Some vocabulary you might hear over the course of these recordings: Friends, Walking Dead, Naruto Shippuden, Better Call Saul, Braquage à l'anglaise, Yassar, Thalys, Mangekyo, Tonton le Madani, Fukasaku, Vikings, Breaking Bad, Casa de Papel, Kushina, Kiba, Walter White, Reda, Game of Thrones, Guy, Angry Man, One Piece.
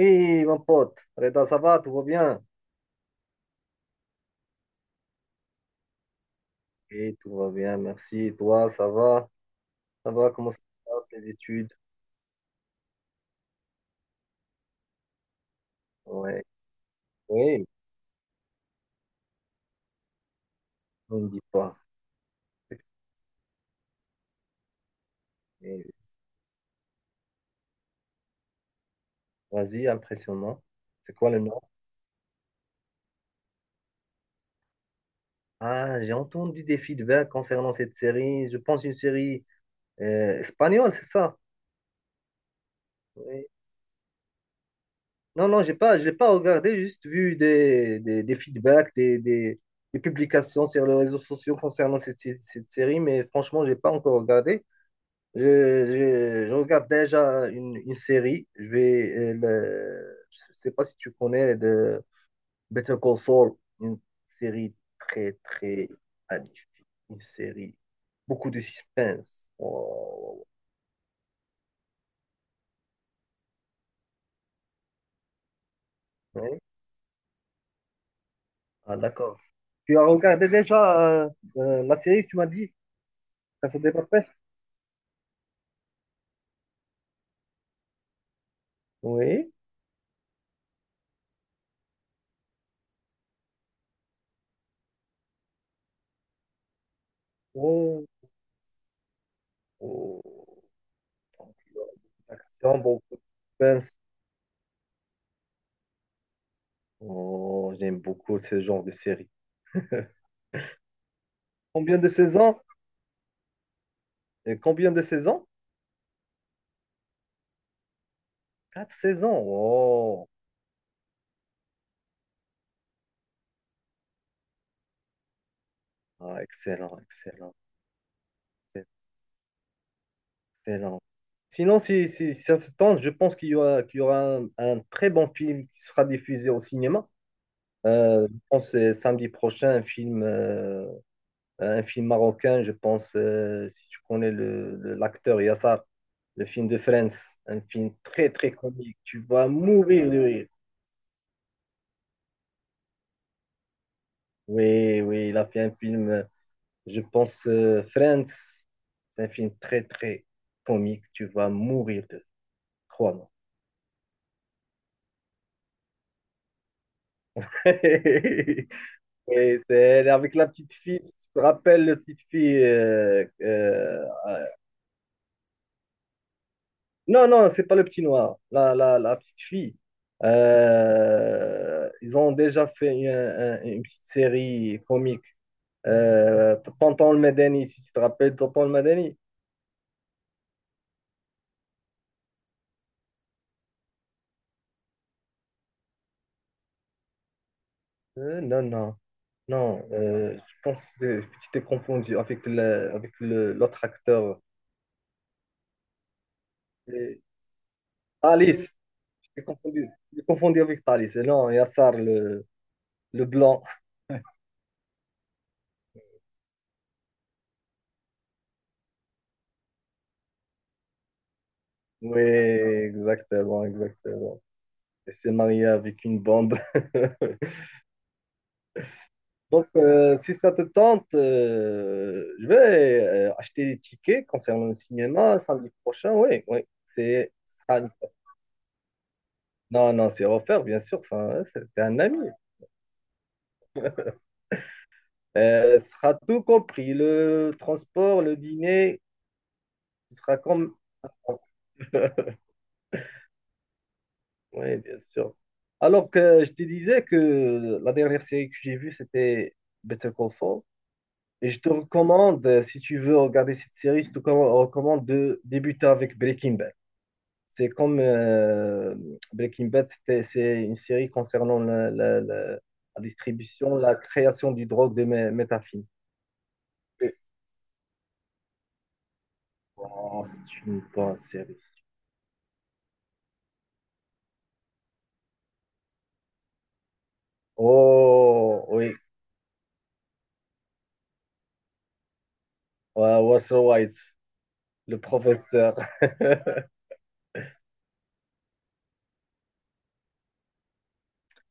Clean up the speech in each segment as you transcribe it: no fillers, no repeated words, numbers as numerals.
Oui, mon pote. Reda, ça va, tout va bien? Oui, tout va bien, merci. Et toi, ça va? Ça va, comment ça se passe, les études? Ouais. Oui, on ne dit pas. Et Vas-y, impressionnant. C'est quoi le nom? Ah, j'ai entendu des feedbacks concernant cette série. Je pense une série espagnole, c'est ça? Oui. Non, non, j'ai pas, je l'ai pas regardé, juste vu des feedbacks, des publications sur les réseaux sociaux concernant cette série, mais franchement, j'ai pas encore regardé. Je regarde déjà une série. Je sais pas si tu connais de Better Call Saul, une série très très magnifique, une série beaucoup de suspense. Wow. Ouais. Ah, d'accord. Tu as regardé déjà la série, que tu m'as dit, Casa de Papel? Oui. Oh, oh. Donc, il y a beaucoup d'action, beaucoup de suspense. Oh, j'aime beaucoup ce genre de série. Combien de saisons? Et combien de saisons? Quatre saisons. Oh, ah, excellent, excellent, excellent. Sinon, si ça se tente, je pense qu'il y aura un très bon film qui sera diffusé au cinéma. Je pense que c'est samedi prochain, un film marocain, je pense, si tu connais l'acteur Yassar, le film de Friends, un film très, très comique. Tu vas mourir de rire. Oui, oui, il a fait un film. Je pense Friends, c'est un film très très comique. Tu vas mourir de, crois-moi. Et c'est avec la petite fille. Si tu te rappelles la petite fille? Non, non, c'est pas le petit noir. La petite fille. Ils ont déjà fait une petite série comique. Tonton le Madani, si tu te rappelles Tonton le Madani. Non, non. Non, je pense que tu t'es confondu avec l'autre acteur. Et- Thalys, je t'ai confondu avec Thalys. Et non, Yassar, le blanc. Oui, exactement, exactement. Il s'est marié avec une bombe. Donc, si ça te tente, je vais acheter les tickets concernant le cinéma samedi prochain. Oui, oui, c'est ça. Non, non, c'est offert, bien sûr. Ça, hein, c'est t'es un ami. Sera tout compris, le transport, le dîner, ce sera comme... Oui, bien sûr. Alors que je te disais que la dernière série que j'ai vue, c'était Better Call Saul. Et je te recommande, si tu veux regarder cette série, je te recommande de débuter avec Breaking Bad. C'est comme Breaking Bad, c'est une série concernant la distribution, la création du drogue de méthamphétamine. Et- Oh, c'est une bonne série. Oh, oui, ouais, Walter White, le professeur.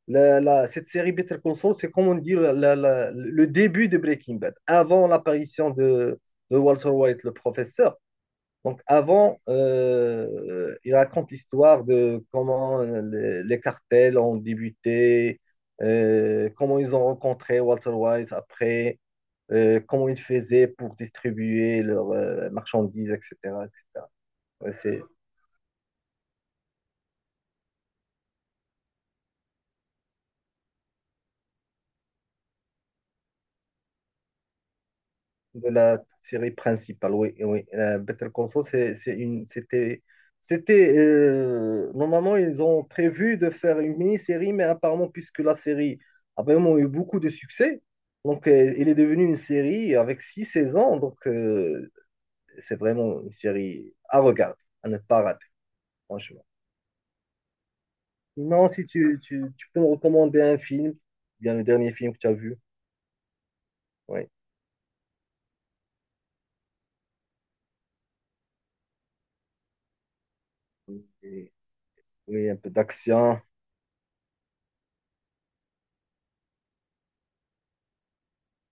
Cette série Better Call Saul, c'est comme on dit le début de Breaking Bad, avant l'apparition de, Walter White, le professeur. Donc avant, il raconte l'histoire de comment les cartels ont débuté, comment ils ont rencontré Walter White après, comment ils faisaient pour distribuer leurs marchandises, etc., etc. Ouais, c'est de la série principale, oui, oui. Better Call Saul, c'est une, c'était, c'était, normalement, ils ont prévu de faire une mini-série, mais apparemment, puisque la série a vraiment eu beaucoup de succès, donc il est devenu une série avec six saisons, donc c'est vraiment une série à regarder, à ne pas rater, franchement. Non, si tu peux me recommander un film, bien le dernier film que tu as vu, oui, Et- oui, un peu d'action,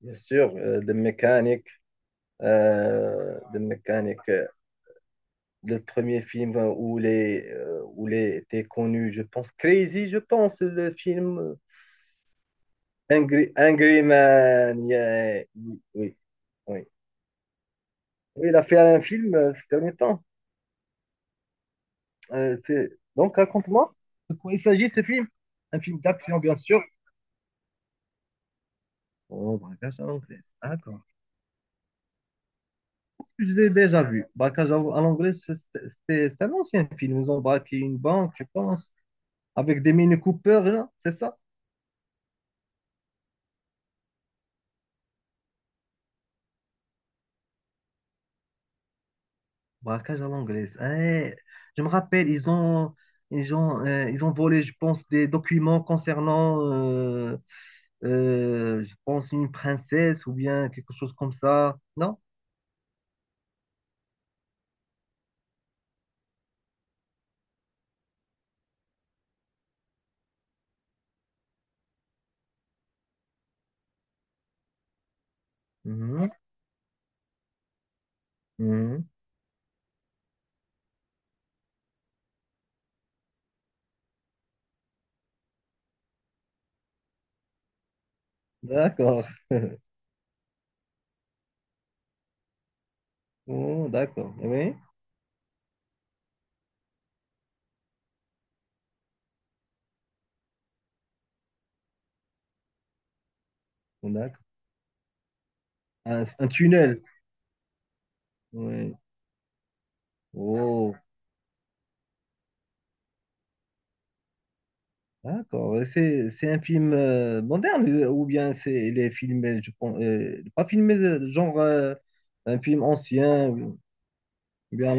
bien sûr, de mécanique de mécanique. Le premier film où il était connu, je pense, Crazy, je pense, le film Angry Man. Yeah. Oui, oui, oui. Oui, il a fait un film ces derniers temps. Euh, c'est... Donc, raconte-moi de quoi il s'agit ce film. Un film d'action, bien sûr. Oh, braquage à l'anglaise. Ah, d'accord. Je l'ai déjà vu. Braquage à l'anglaise, c'est un ancien film. Ils ont braqué une banque, je pense, avec des mini coupeurs, là, c'est ça? Braquage à l'anglaise. Eh, je me rappelle, ils ont volé, je pense, des documents concernant, je pense, une princesse ou bien quelque chose comme ça. Non? Mhm, mhm. D'accord. Oh, d'accord. Eh, oui, oh, d'accord. Un tunnel. Oui. Oh, d'accord. Et C'est un film moderne ou bien il est filmé, je pense, pas filmé genre un film ancien ou bien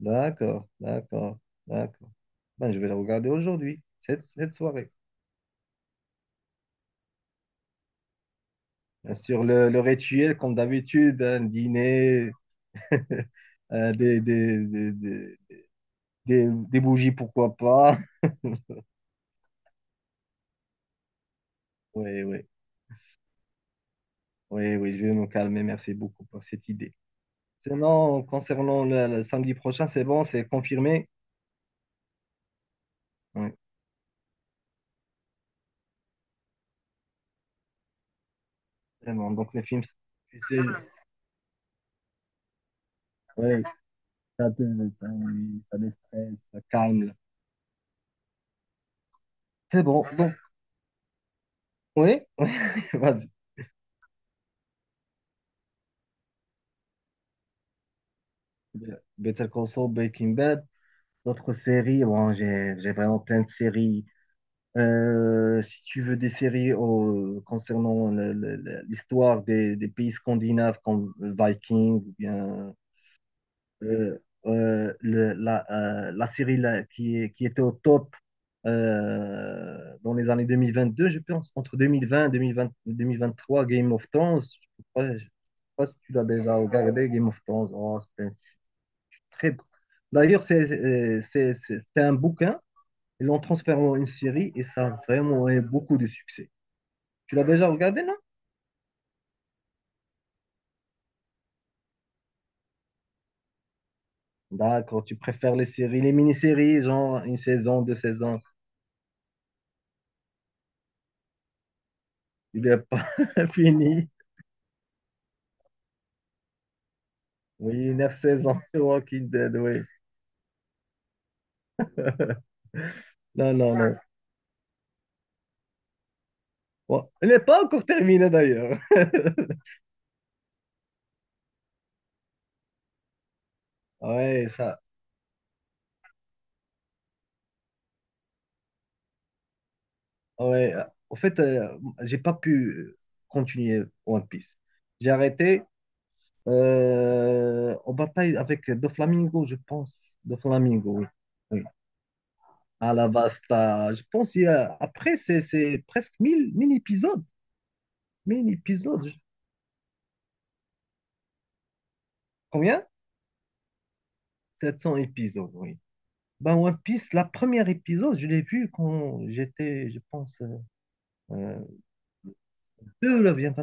d'accord, d'accord, d'accord. Ben, je vais le regarder aujourd'hui, cette soirée. Bien sûr, le rituel, comme d'habitude, un dîner, euh, des, des, des, des, des bougies, pourquoi pas. Oui, oui, oui, oui, je vais me calmer. Merci beaucoup pour cette idée. Sinon, concernant le samedi prochain, c'est bon, c'est confirmé. Oui, c'est bon. Donc, les films, tu sais, oui, ça te, ça, ça déstresse, ça calme. C'est bon. Donc, oui, vas-y. Better Call Saul, Breaking Bad. D'autres séries, bon, j'ai vraiment plein de séries. Si tu veux des séries concernant l'histoire des pays scandinaves comme Vikings ou bien euh, euh, le- la, la série là, qui était au top dans les années 2022 je pense, entre 2020 2020 2023, Game of Thrones. Je sais pas si tu l'as déjà regardé, Game of Thrones. Oh, c'était très bon. D'ailleurs, c'était un bouquin, ils l'ont transféré en une série et ça a vraiment eu beaucoup de succès. Tu l'as déjà regardé, non? D'accord, tu préfères les séries, les mini-séries, genre une saison, deux saisons. Il n'est pas fini. Oui, neuf saisons sur Walking Dead, oui. Non, non, non. Bon, il n'est pas encore terminé d'ailleurs. Ouais, ça. Ouais. En fait, j'ai pas pu continuer One Piece. J'ai arrêté en bataille avec deux flamingos, je pense. Deux flamingos, oui. Oui. À la vasta. Je pense qu'il y a... Après, c'est presque mille épisodes. Mille épisodes. Combien? 700 épisodes, oui. Ben, One Piece, la première épisode, je l'ai vu quand j'étais, je pense, euh,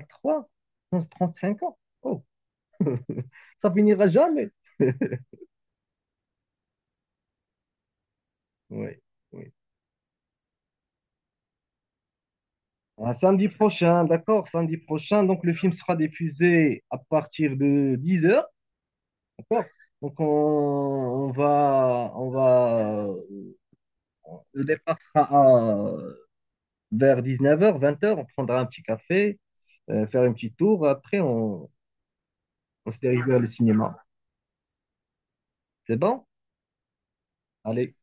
trois je pense 5 ans. Oh, ça finira jamais. Oui, oui. Un samedi prochain, d'accord, samedi prochain. Donc, le film sera diffusé à partir de 10 heures, d'accord? Donc, le départ sera vers 19 heures, 20 heures. On prendra un petit café, faire un petit tour. Après, on se dirige vers le cinéma. C'est bon? Allez,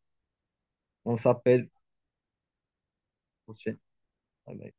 on s'appelle prochaine. Allez.